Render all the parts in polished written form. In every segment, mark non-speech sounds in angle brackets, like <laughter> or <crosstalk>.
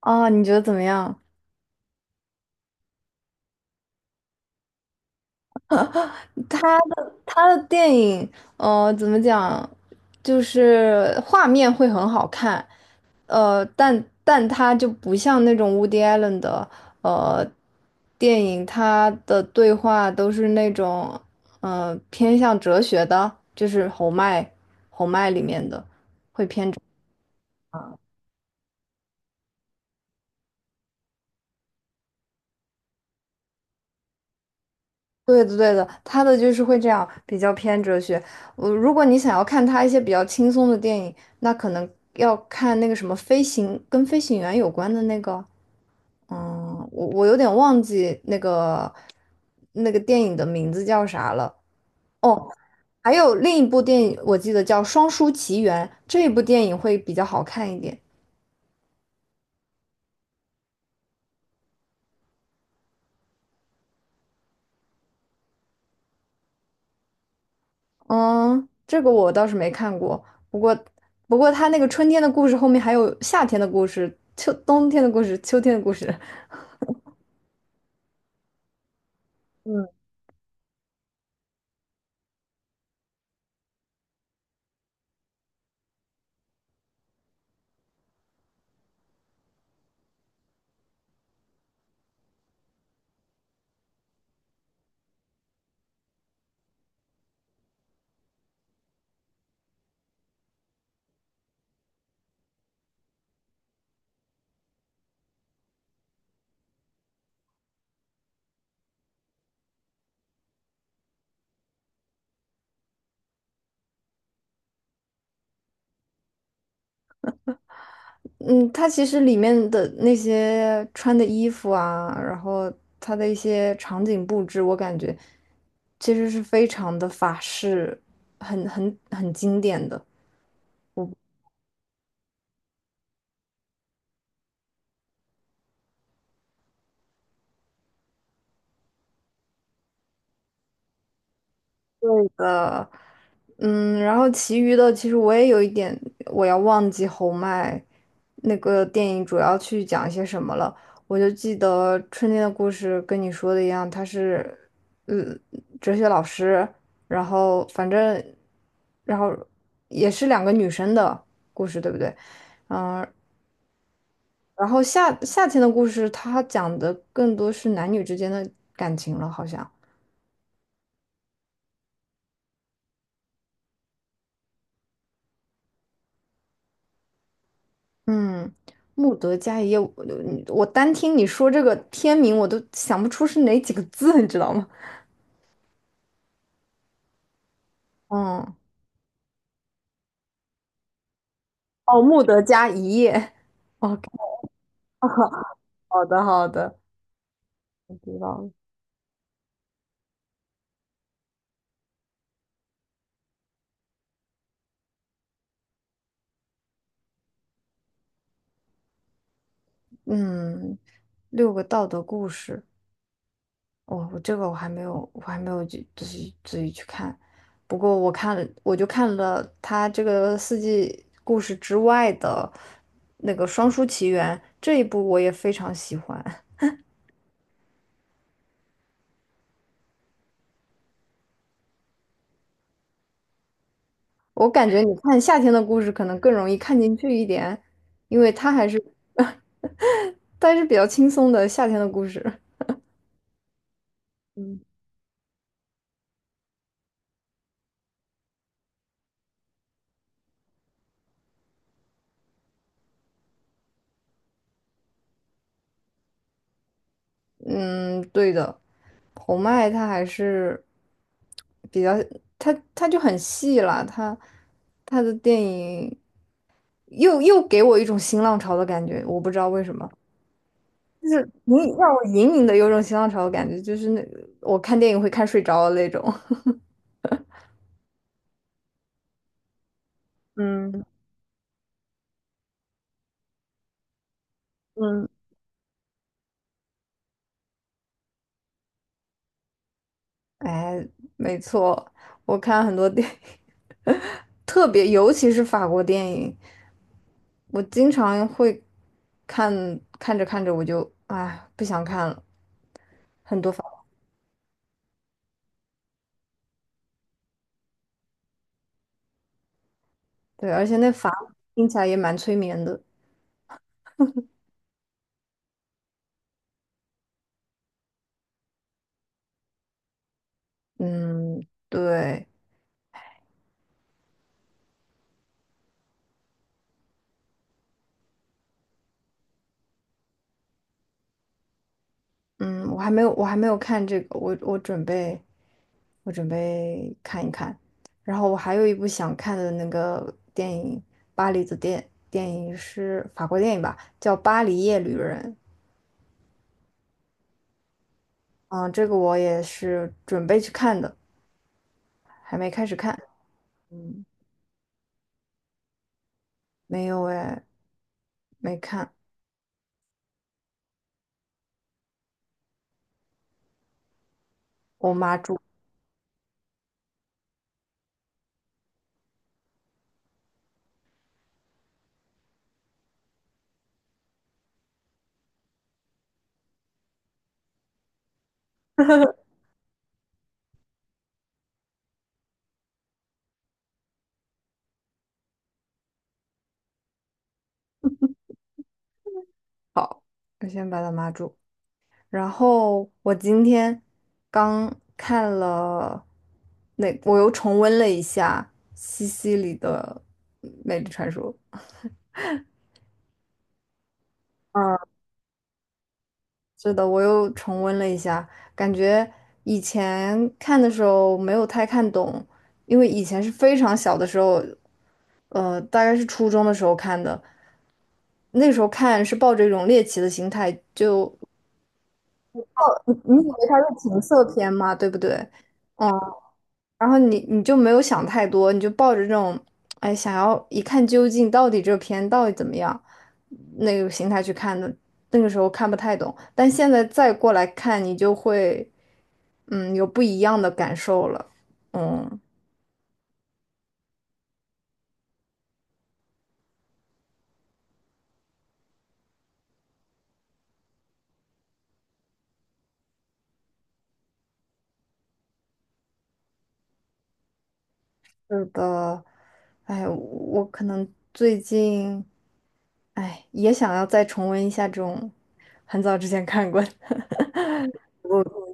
哦，你觉得怎么样？他的电影，怎么讲，就是画面会很好看，但他就不像那种 Woody Allen 的呃电影，他的对话都是那种偏向哲学的，就是红麦里面的。对的，对的，他的就是会这样，比较偏哲学。我如果你想要看他一些比较轻松的电影，那可能要看那个什么飞行，跟飞行员有关的那个，嗯，我有点忘记那个电影的名字叫啥了。哦，还有另一部电影，我记得叫《双姝奇缘》，这一部电影会比较好看一点。嗯，这个我倒是没看过，不过不过他那个春天的故事后面还有夏天的故事、秋冬天的故事、秋天的故事。嗯，它其实里面的那些穿的衣服啊，然后它的一些场景布置，我感觉其实是非常的法式，很经典的。嗯，然后其余的其实我也有一点，我要忘记侯麦那个电影主要去讲些什么了。我就记得《春天的故事》跟你说的一样，他是，嗯，哲学老师，然后反正，然后也是两个女生的故事，对不对？嗯，然后夏天的故事，它讲的更多是男女之间的感情了，好像。嗯，穆德加一夜，我单听你说这个片名，我都想不出是哪几个字，你知道吗？嗯，哦，穆德加一夜。哦，好的好的，我知道了。嗯，六个道德故事，我这个我还没有，我还没有去自己去看。不过我看了，我就看了他这个四季故事之外的那个《双姝奇缘》这一部，我也非常喜欢。我感觉你看夏天的故事可能更容易看进去一点，因为它还是比较轻松的夏天的故事。嗯，<laughs> 嗯，对的，侯麦它还是比较，它就很细了，它的电影又给我一种新浪潮的感觉，我不知道为什么，就是隐让我隐隐的有种新浪潮的感觉，就是那我看电影会看睡着的那种。<laughs> 嗯嗯哎，没错，我看很多电影，特别尤其是法国电影，我经常会看着看着我就哎不想看了，很多法国对，而且那法语听起来也蛮催眠的。嗯，对，嗯，我还没有看这个，我准备看一看。然后我还有一部想看的那个电影，巴黎的电影是法国电影吧，叫《巴黎夜旅人》。嗯，这个我也是准备去看的，还没开始看。嗯，没有哎，没看，我妈住好，我先把它妈住。然后我今天刚看了那，我又重温了一下西西里的《美丽传说》。嗯，是的，我又重温了一下，感觉以前看的时候没有太看懂，因为以前是非常小的时候，大概是初中的时候看的，那个时候看是抱着一种猎奇的心态，就你以为它是情色片嘛，对不对？嗯，然后你就没有想太多，你就抱着这种，哎，想要一看究竟，到底这片到底怎么样，那个心态去看的。那个时候看不太懂，但现在再过来看，你就会，嗯，有不一样的感受了。嗯，是的，哎，我可能最近，哎，也想要再重温一下这种很早之前看过的 <laughs>。我。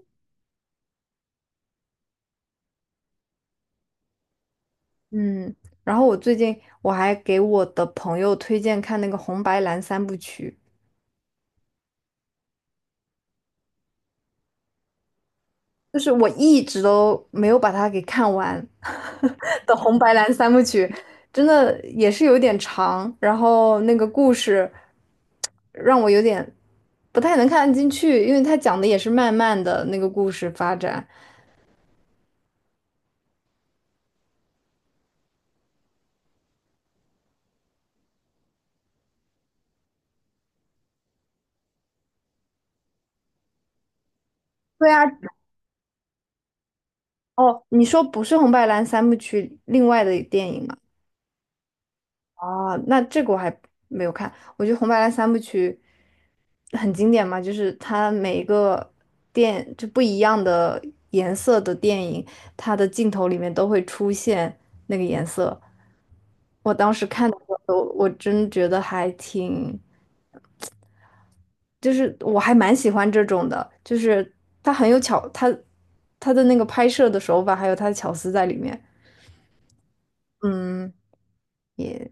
嗯，然后我最近我还给我的朋友推荐看那个《红白蓝三部曲》，就是我一直都没有把它给看完 <laughs> 的《红白蓝三部曲》，真的也是有点长，然后那个故事让我有点不太能看得进去，因为它讲的也是慢慢的那个故事发展。对啊，哦，你说不是《红白蓝三部曲》另外的电影吗？哦，那这个我还没有看。我觉得《红白蓝》三部曲很经典嘛，就是它每一个电就不一样的颜色的电影，它的镜头里面都会出现那个颜色。我当时看的时候，我真觉得还挺，就是我还蛮喜欢这种的，就是它很有巧，它的那个拍摄的手法，还有它的巧思在里面。嗯，也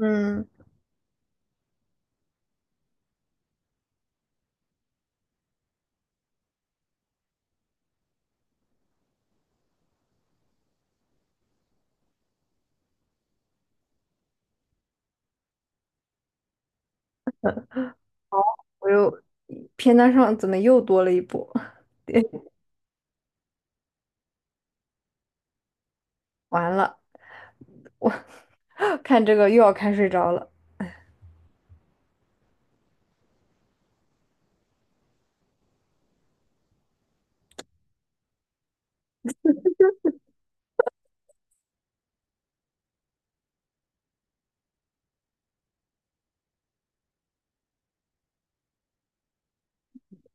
嗯，我又片单上怎么又多了一部？完了，我 <laughs> 看这个又要看睡着了。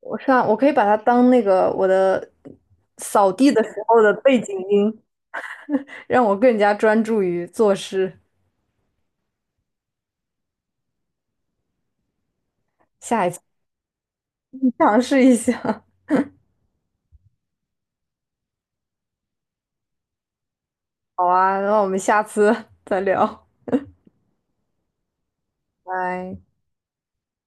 我上，我可以把它当那个我的扫地的时候的背景音，让我更加专注于做事。下一次 <laughs> 尝试一下。<laughs> 好啊，那我们下次再聊，拜。